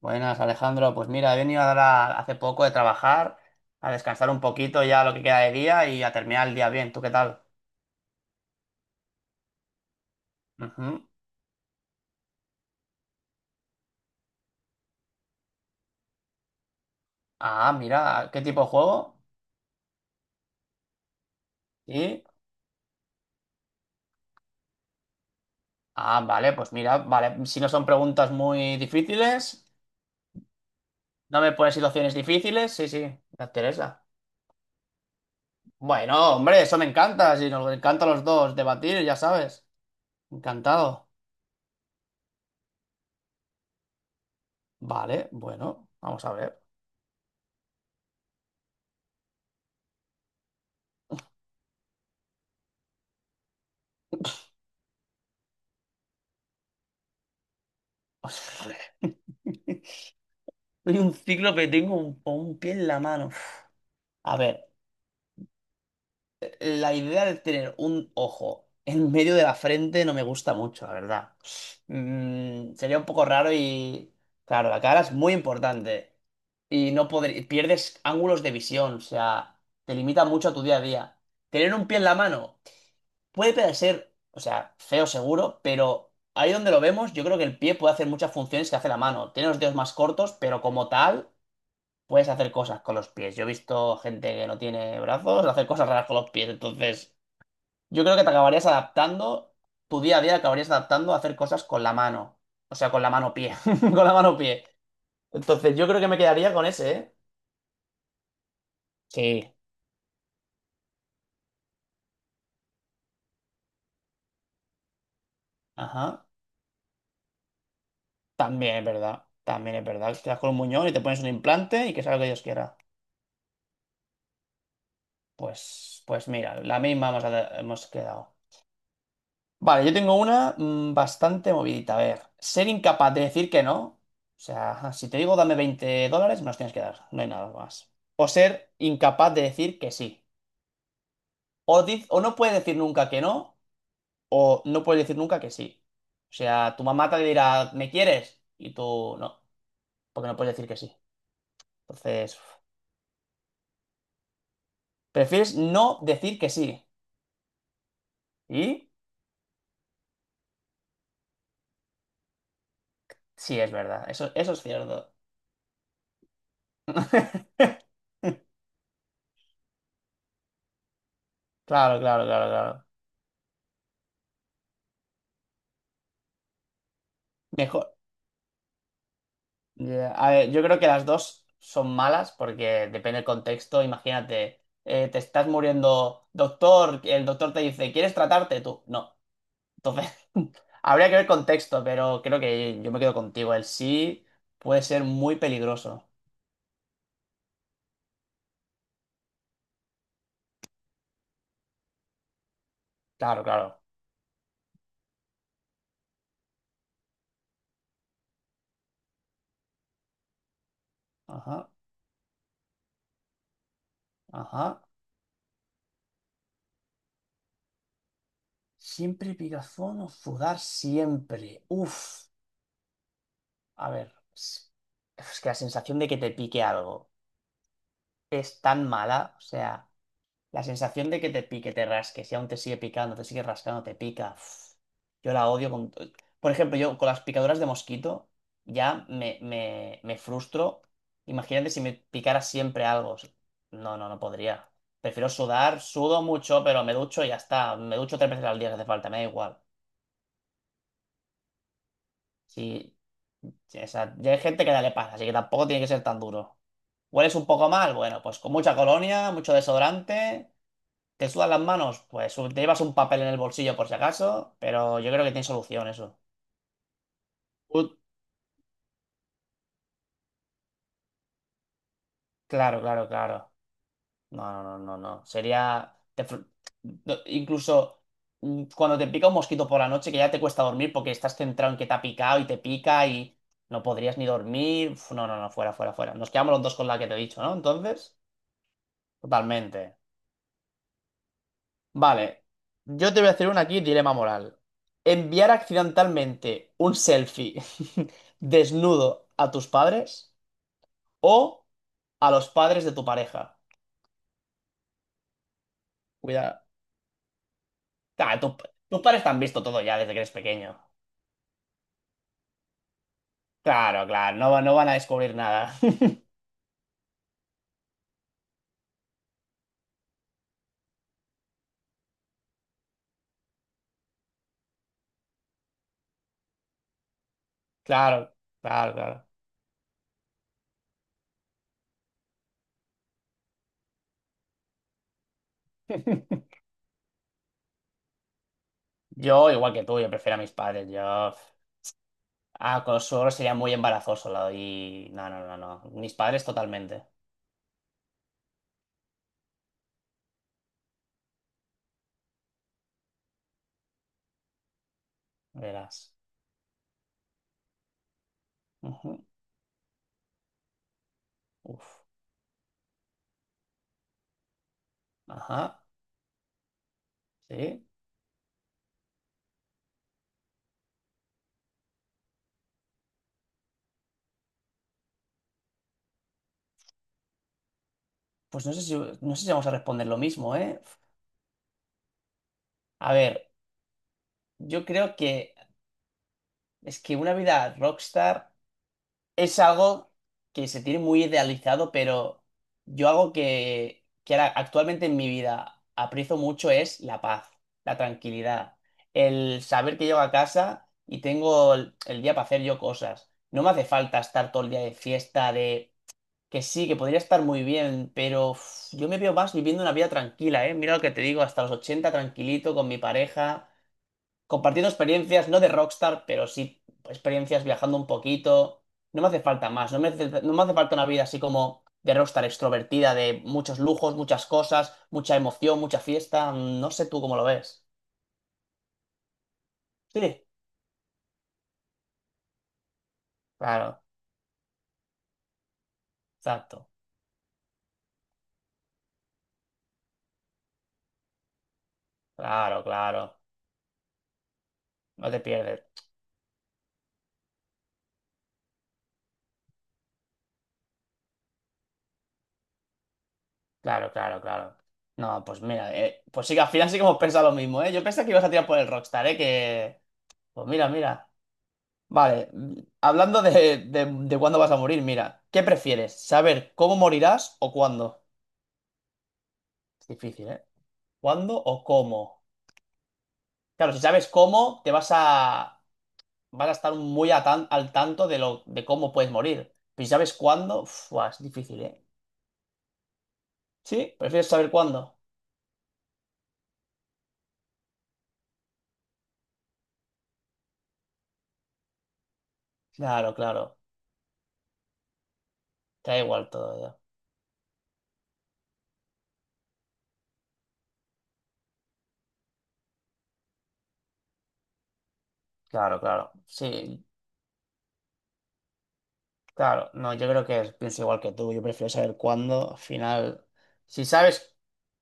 Buenas, Alejandro. Pues mira, he venido ahora hace poco de trabajar, a descansar un poquito ya lo que queda de día y a terminar el día bien. ¿Tú qué tal? Ujú. Ah, mira, ¿qué tipo de juego? Sí. Ah, vale, pues mira, vale. Si no son preguntas muy difíciles, no me pones situaciones difíciles. Sí, sí, me interesa. Bueno, hombre, eso me encanta. Si nos encanta a los dos debatir, ya sabes. Encantado. Vale, bueno, vamos a ver. Soy un ciclo que tengo un pie en la mano. Uf. A ver. La idea de tener un ojo en medio de la frente no me gusta mucho, la verdad. Sería un poco raro y. Claro, la cara es muy importante. Y no podr- pierdes ángulos de visión, o sea, te limita mucho a tu día a día. Tener un pie en la mano puede parecer, o sea, feo seguro, pero ahí donde lo vemos, yo creo que el pie puede hacer muchas funciones que hace la mano. Tiene los dedos más cortos, pero como tal, puedes hacer cosas con los pies. Yo he visto gente que no tiene brazos hacer cosas raras con los pies, entonces. Yo creo que te acabarías adaptando, tu día a día acabarías adaptando a hacer cosas con la mano. O sea, con la mano-pie. Con la mano-pie. Entonces, yo creo que me quedaría con ese, ¿eh? Sí. Ajá. También es verdad. También es verdad. Te das con un muñón y te pones un implante y que sea lo que Dios quiera. Pues mira, la misma hemos quedado. Vale, yo tengo una bastante movidita. A ver, ser incapaz de decir que no. O sea, ajá, si te digo dame $20, me los tienes que dar. No hay nada más. O ser incapaz de decir que sí. O no puedes decir nunca que no, o no puedes decir nunca que sí. O sea, tu mamá te dirá, ¿me quieres? Y tú no, porque no puedes decir que sí. Entonces, uf, prefieres no decir que sí. Y sí, es verdad, eso es cierto. Claro, claro, claro, claro. Mejor. Ya, a ver, yo creo que las dos son malas porque depende del contexto. Imagínate, te estás muriendo, doctor, el doctor te dice, ¿quieres tratarte? Tú, no. Entonces, habría que ver contexto, pero creo que yo me quedo contigo. El sí puede ser muy peligroso. Claro, claro. Ajá, ajá. Siempre picazón o sudar siempre. Uf. A ver, es que la sensación de que te pique algo es tan mala, o sea. La sensación de que te pique, te rasque, si aún te sigue picando, te sigue rascando, te pica. Uf, yo la odio con. Por ejemplo, yo con las picaduras de mosquito ya me frustro. Imagínate si me picara siempre algo. No, no, no podría. Prefiero sudar, sudo mucho, pero me ducho y ya está. Me ducho tres veces al día si hace falta, me da igual. Sí, sí, o sea, ya hay gente que ya le pasa, así que tampoco tiene que ser tan duro. ¿Hueles un poco mal? Bueno, pues con mucha colonia, mucho desodorante. ¿Te sudan las manos? Pues te llevas un papel en el bolsillo por si acaso, pero yo creo que tiene solución eso. Ut- claro, claro, claro. No, no, no, no, no. Sería. No, incluso cuando te pica un mosquito por la noche que ya te cuesta dormir porque estás centrado en que te ha picado y te pica y no podrías ni dormir. Uf, no, no, no, fuera, fuera, fuera. Nos quedamos los dos con la que te he dicho, ¿no? Entonces, totalmente. Vale, yo te voy a hacer una aquí, dilema moral. ¿Enviar accidentalmente un selfie desnudo a tus padres o a los padres de tu pareja? Cuidado. Claro, tus padres te han visto todo ya desde que eres pequeño. Claro, claro, no, no van a descubrir nada. Claro, claro, claro. Yo, igual que tú, yo prefiero a mis padres. Yo, con los suegros sería muy embarazoso. Y no, no, no, no. Mis padres totalmente. Verás. Ujú. Uf. Ajá, sí. Pues no sé si vamos a responder lo mismo, ¿eh? A ver, yo creo que es que una vida rockstar es algo que se tiene muy idealizado, pero yo algo que ahora actualmente en mi vida aprecio mucho es la paz, la tranquilidad, el saber que llego a casa y tengo el día para hacer yo cosas. No me hace falta estar todo el día de fiesta, de Que sí, que podría estar muy bien, pero uf, yo me veo más viviendo una vida tranquila, ¿eh? Mira lo que te digo, hasta los 80 tranquilito con mi pareja, compartiendo experiencias, no de rockstar, pero sí experiencias viajando un poquito. No me hace falta más, no me hace falta una vida así como de rockstar extrovertida, de muchos lujos, muchas cosas, mucha emoción, mucha fiesta. No sé tú cómo lo ves. Sí, claro, exacto, claro, claro. No te pierdes. Claro, claro, claro. No, pues mira, pues sí que al final sí que hemos pensado lo mismo, ¿eh? Yo pensaba que ibas a tirar por el Rockstar, ¿eh? Que. Pues mira, mira. Vale, hablando de cuándo vas a morir, mira, ¿qué prefieres? ¿Saber cómo morirás o cuándo? Es difícil, ¿eh? ¿Cuándo o cómo? Claro, si sabes cómo, vas a estar muy al tanto de cómo puedes morir. Pero si sabes cuándo, uf, buah, es difícil, ¿eh? ¿Sí? ¿Prefieres saber cuándo? Claro, claro. Te da igual todo ya. Claro, claro. Sí, claro, no, yo creo que pienso igual que tú. Yo prefiero saber cuándo. Al final, si sabes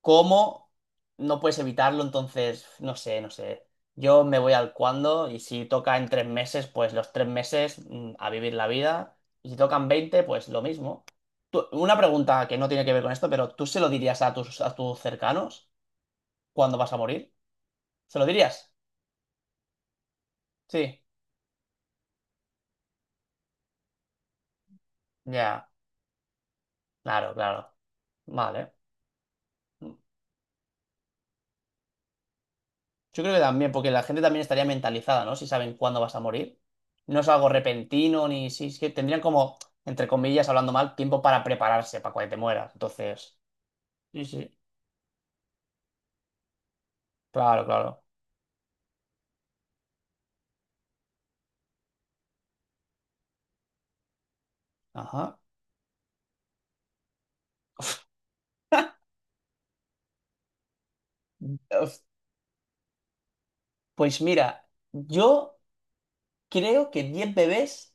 cómo, no puedes evitarlo, entonces, no sé, no sé. Yo me voy al cuándo y si toca en 3 meses, pues los 3 meses a vivir la vida. Y si tocan 20, pues lo mismo. Una pregunta que no tiene que ver con esto, pero ¿tú se lo dirías a tus cercanos cuándo vas a morir? ¿Se lo dirías? Sí. Ya, claro, claro. Vale. Yo creo que también, porque la gente también estaría mentalizada, ¿no? Si saben cuándo vas a morir. No es algo repentino, ni si es que tendrían como, entre comillas, hablando mal, tiempo para prepararse para cuando te mueras. Entonces, sí, sí. Claro, claro. Ajá. Uf, pues mira, yo creo que 10 bebés.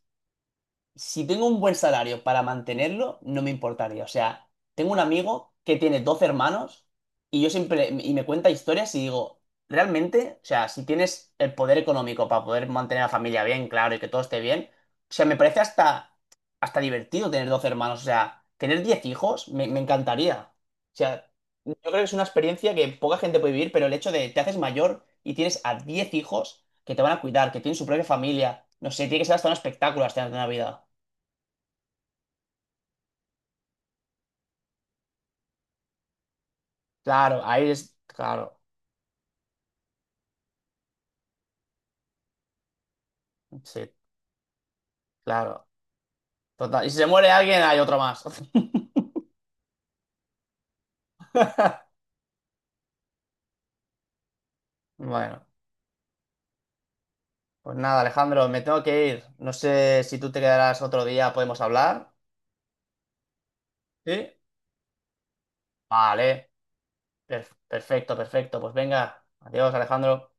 Si tengo un buen salario para mantenerlo, no me importaría. O sea, tengo un amigo que tiene 12 hermanos y yo siempre, y me cuenta historias y digo, realmente, o sea, si tienes el poder económico para poder mantener a la familia bien, claro, y que todo esté bien, o sea, me parece hasta divertido tener 12 hermanos. O sea, tener 10 hijos me encantaría. O sea, yo creo que es una experiencia que poca gente puede vivir, pero el hecho de te haces mayor y tienes a 10 hijos que te van a cuidar, que tienen su propia familia, no sé, tiene que ser hasta un espectáculo hasta la Navidad. Claro, ahí es. Claro, sí, claro. Total. Y si se muere alguien, hay otro más. Bueno, pues nada, Alejandro, me tengo que ir. No sé si tú te quedarás otro día, podemos hablar. ¿Sí? Vale, perfecto, perfecto. Pues venga, adiós, Alejandro.